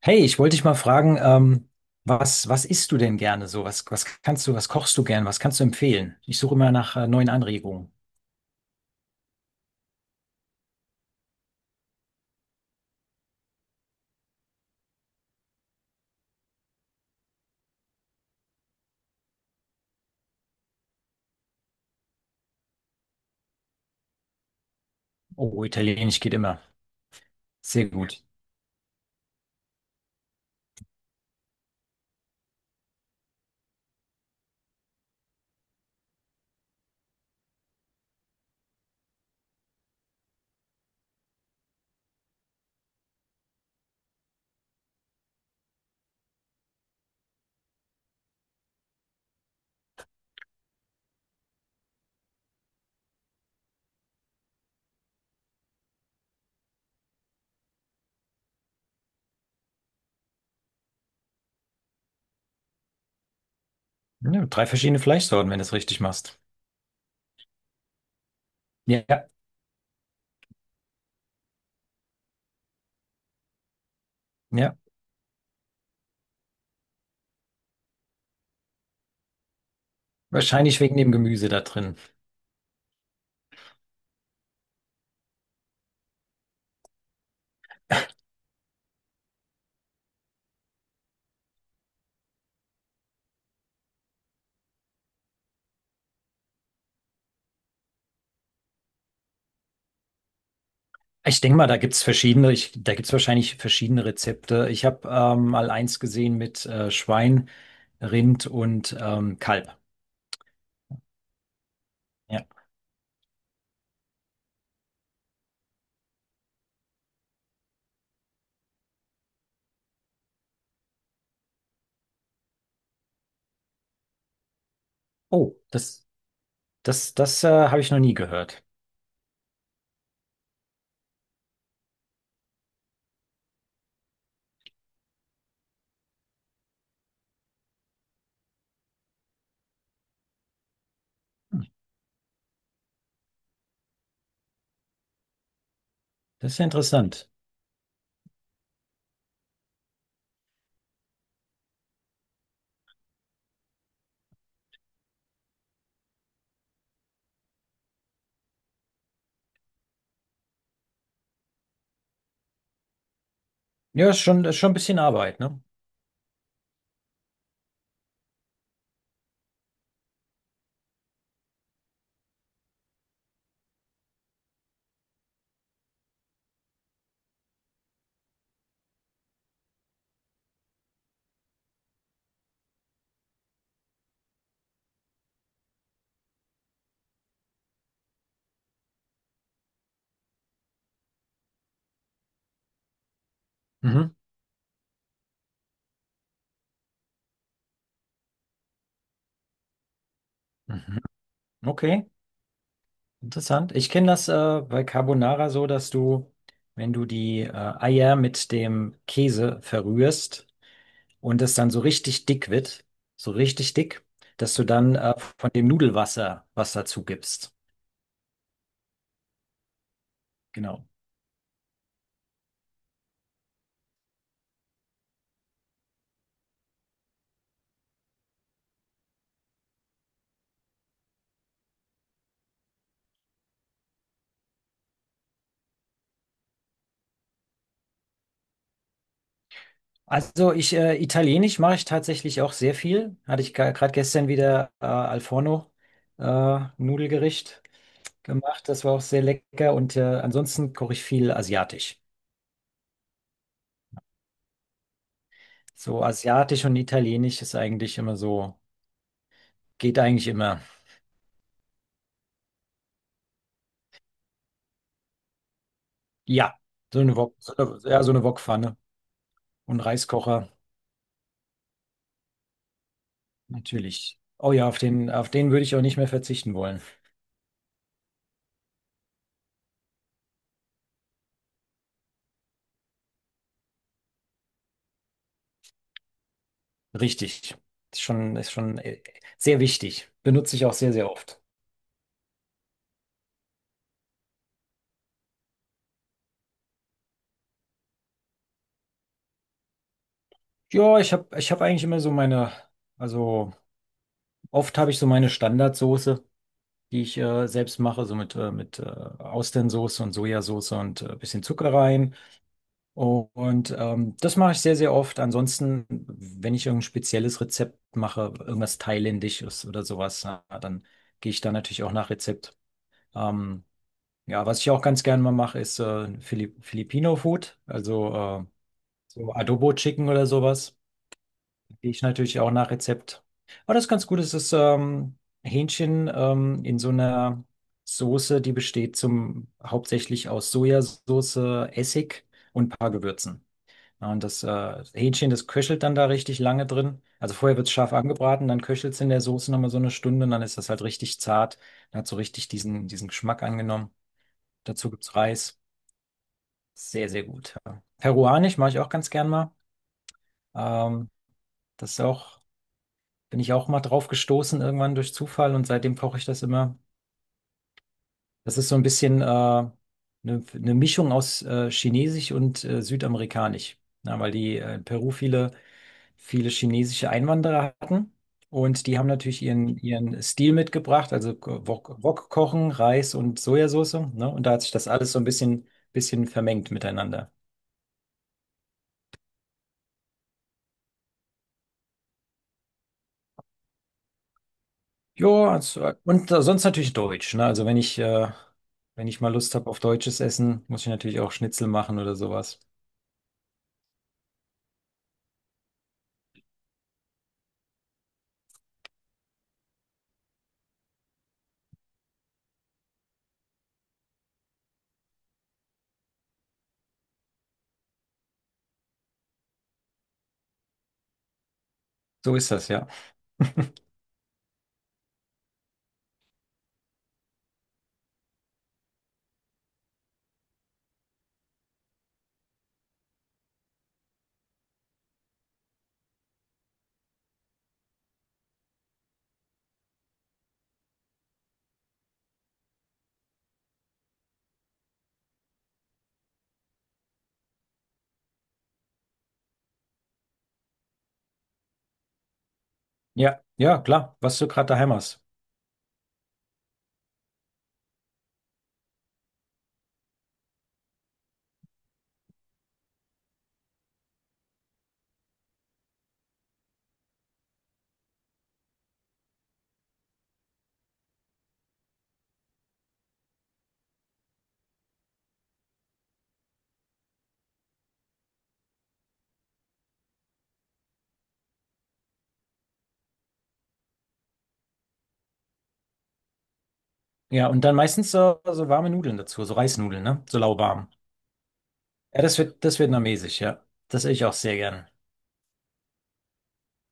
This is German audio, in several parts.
Hey, ich wollte dich mal fragen, was isst du denn gerne so? Was kannst du, was kochst du gern? Was kannst du empfehlen? Ich suche immer nach neuen Anregungen. Oh, Italienisch geht immer. Sehr gut. Ja, drei verschiedene Fleischsorten, wenn du es richtig machst. Ja, ja. Wahrscheinlich wegen dem Gemüse da drin. Ich denke mal, da gibt's wahrscheinlich verschiedene Rezepte. Ich habe mal eins gesehen mit Schwein, Rind und Kalb. Ja. Oh, das habe ich noch nie gehört. Das ist ja interessant. Ja, ist schon ein bisschen Arbeit, ne? Mhm. Mhm. Okay, interessant. Ich kenne das bei Carbonara so, dass du, wenn du die Eier mit dem Käse verrührst und es dann so richtig dick wird, so richtig dick, dass du dann von dem Nudelwasser was dazu gibst. Genau. Also Italienisch mache ich tatsächlich auch sehr viel. Hatte ich gerade gestern wieder Al Forno Nudelgericht gemacht. Das war auch sehr lecker. Und ansonsten koche ich viel asiatisch. So asiatisch und italienisch ist eigentlich immer so, geht eigentlich immer. Ja, so eine Wok, so eine, ja, so eine Wokpfanne und Reiskocher, natürlich. Oh ja, auf den würde ich auch nicht mehr verzichten wollen. Richtig. Ist schon Sehr wichtig. Benutze ich auch sehr, sehr oft. Ja, ich hab eigentlich immer so meine, also oft habe ich so meine Standardsoße, die ich selbst mache, so mit Austernsoße und Sojasauce und bisschen Zucker rein. Und das mache ich sehr, sehr oft. Ansonsten, wenn ich irgendein spezielles Rezept mache, irgendwas Thailändisches oder sowas, na, dann gehe ich da natürlich auch nach Rezept. Ähm, ja, was ich auch ganz gerne mal mache, ist Filipino Food, also so Adobo Chicken oder sowas. Ich natürlich auch nach Rezept. Aber das ist ganz gut. Es ist Hähnchen in so einer Soße, die besteht hauptsächlich aus Sojasauce, Essig und ein paar Gewürzen. Ja, und das Hähnchen, das köchelt dann da richtig lange drin. Also vorher wird es scharf angebraten, dann köchelt es in der Soße nochmal so eine Stunde und dann ist das halt richtig zart. Dann hat so richtig diesen, diesen Geschmack angenommen. Dazu gibt es Reis. Sehr, sehr gut. Ja. Peruanisch mache ich auch ganz gern mal. Ähm, das ist auch. Bin ich auch mal drauf gestoßen, irgendwann durch Zufall und seitdem koche ich das immer. Das ist so ein bisschen eine Mischung aus Chinesisch und Südamerikanisch. Na, weil die in Peru viele, viele chinesische Einwanderer hatten. Und die haben natürlich ihren, ihren Stil mitgebracht, also Wok, Wok kochen, Reis und Sojasauce. Ne? Und da hat sich das alles so ein bisschen vermengt miteinander. Ja, z- und sonst natürlich Deutsch, ne? Also wenn ich mal Lust habe auf deutsches Essen, muss ich natürlich auch Schnitzel machen oder sowas. So ist das, ja. Ja, ja, klar, was du gerade daheim hast. Ja, und dann meistens so, so warme Nudeln dazu, so Reisnudeln, ne? So lauwarm. Ja, das vietnamesisch, ja. Das esse ich auch sehr gern.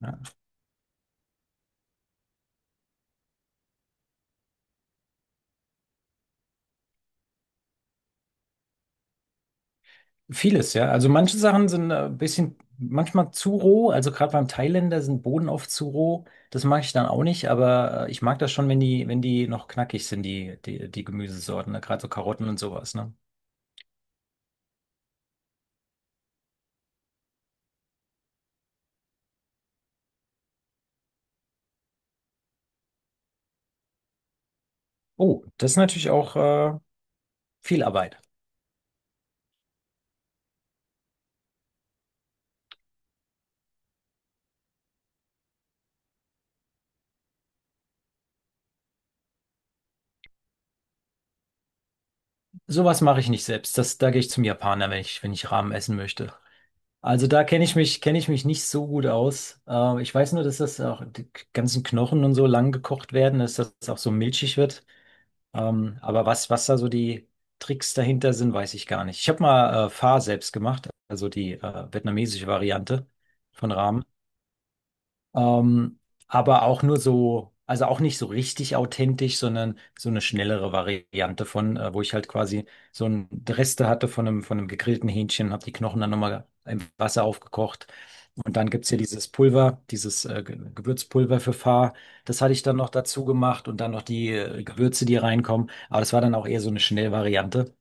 Ja. Vieles, ja. Also manche Sachen sind ein bisschen, manchmal zu roh. Also gerade beim Thailänder sind Bohnen oft zu roh. Das mag ich dann auch nicht, aber ich mag das schon, wenn die, wenn die noch knackig sind, die Gemüsesorten, ne? Gerade so Karotten und sowas, ne? Oh, das ist natürlich auch viel Arbeit. Sowas mache ich nicht selbst. Da gehe ich zum Japaner, wenn ich, wenn ich Ramen essen möchte. Also da kenne ich mich nicht so gut aus. Ich weiß nur, dass das auch die ganzen Knochen und so lang gekocht werden, dass das auch so milchig wird. Was da so die Tricks dahinter sind, weiß ich gar nicht. Ich habe mal Pho selbst gemacht, also die vietnamesische Variante von Ramen. Ähm, aber auch nur so, also auch nicht so richtig authentisch, sondern so eine schnellere Variante von, wo ich halt quasi so ein Reste hatte von einem gegrillten Hähnchen, habe die Knochen dann nochmal im Wasser aufgekocht. Und dann gibt's hier dieses Pulver, dieses Gewürzpulver für Pfarr. Das hatte ich dann noch dazu gemacht und dann noch die Gewürze, die reinkommen. Aber das war dann auch eher so eine Schnellvariante.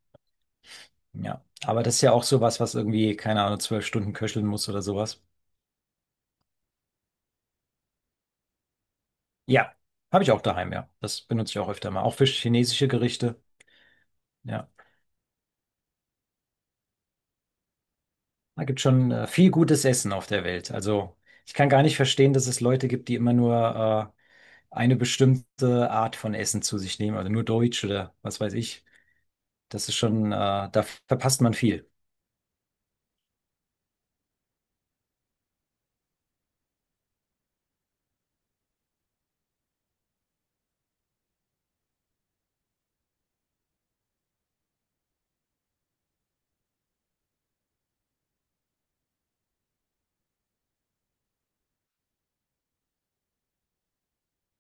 Ja, aber das ist ja auch sowas, was irgendwie, keine Ahnung, 12 Stunden köcheln muss oder sowas. Ja, habe ich auch daheim, ja. Das benutze ich auch öfter mal. Auch für chinesische Gerichte. Ja, da gibt schon viel gutes Essen auf der Welt. Also ich kann gar nicht verstehen, dass es Leute gibt, die immer nur eine bestimmte Art von Essen zu sich nehmen, also nur Deutsch oder was weiß ich. Das ist schon, da verpasst man viel.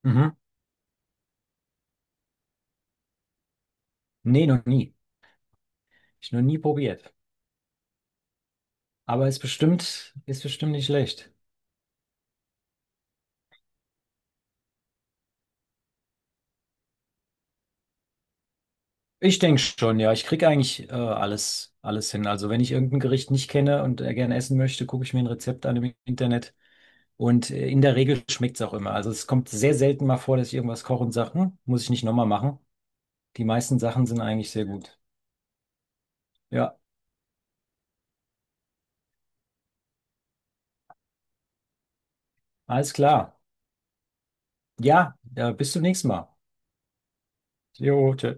Mhm. Nee, noch nie. Ich noch nie probiert. Aber ist bestimmt nicht schlecht. Ich denke schon, ja. Ich kriege eigentlich alles, alles hin. Also wenn ich irgendein Gericht nicht kenne und gerne essen möchte, gucke ich mir ein Rezept an im Internet. Und in der Regel schmeckt es auch immer. Also es kommt sehr selten mal vor, dass ich irgendwas koche und sage, hm, muss ich nicht nochmal machen. Die meisten Sachen sind eigentlich sehr gut. Ja, alles klar. Ja, bis zum nächsten Mal. Jo, tschö.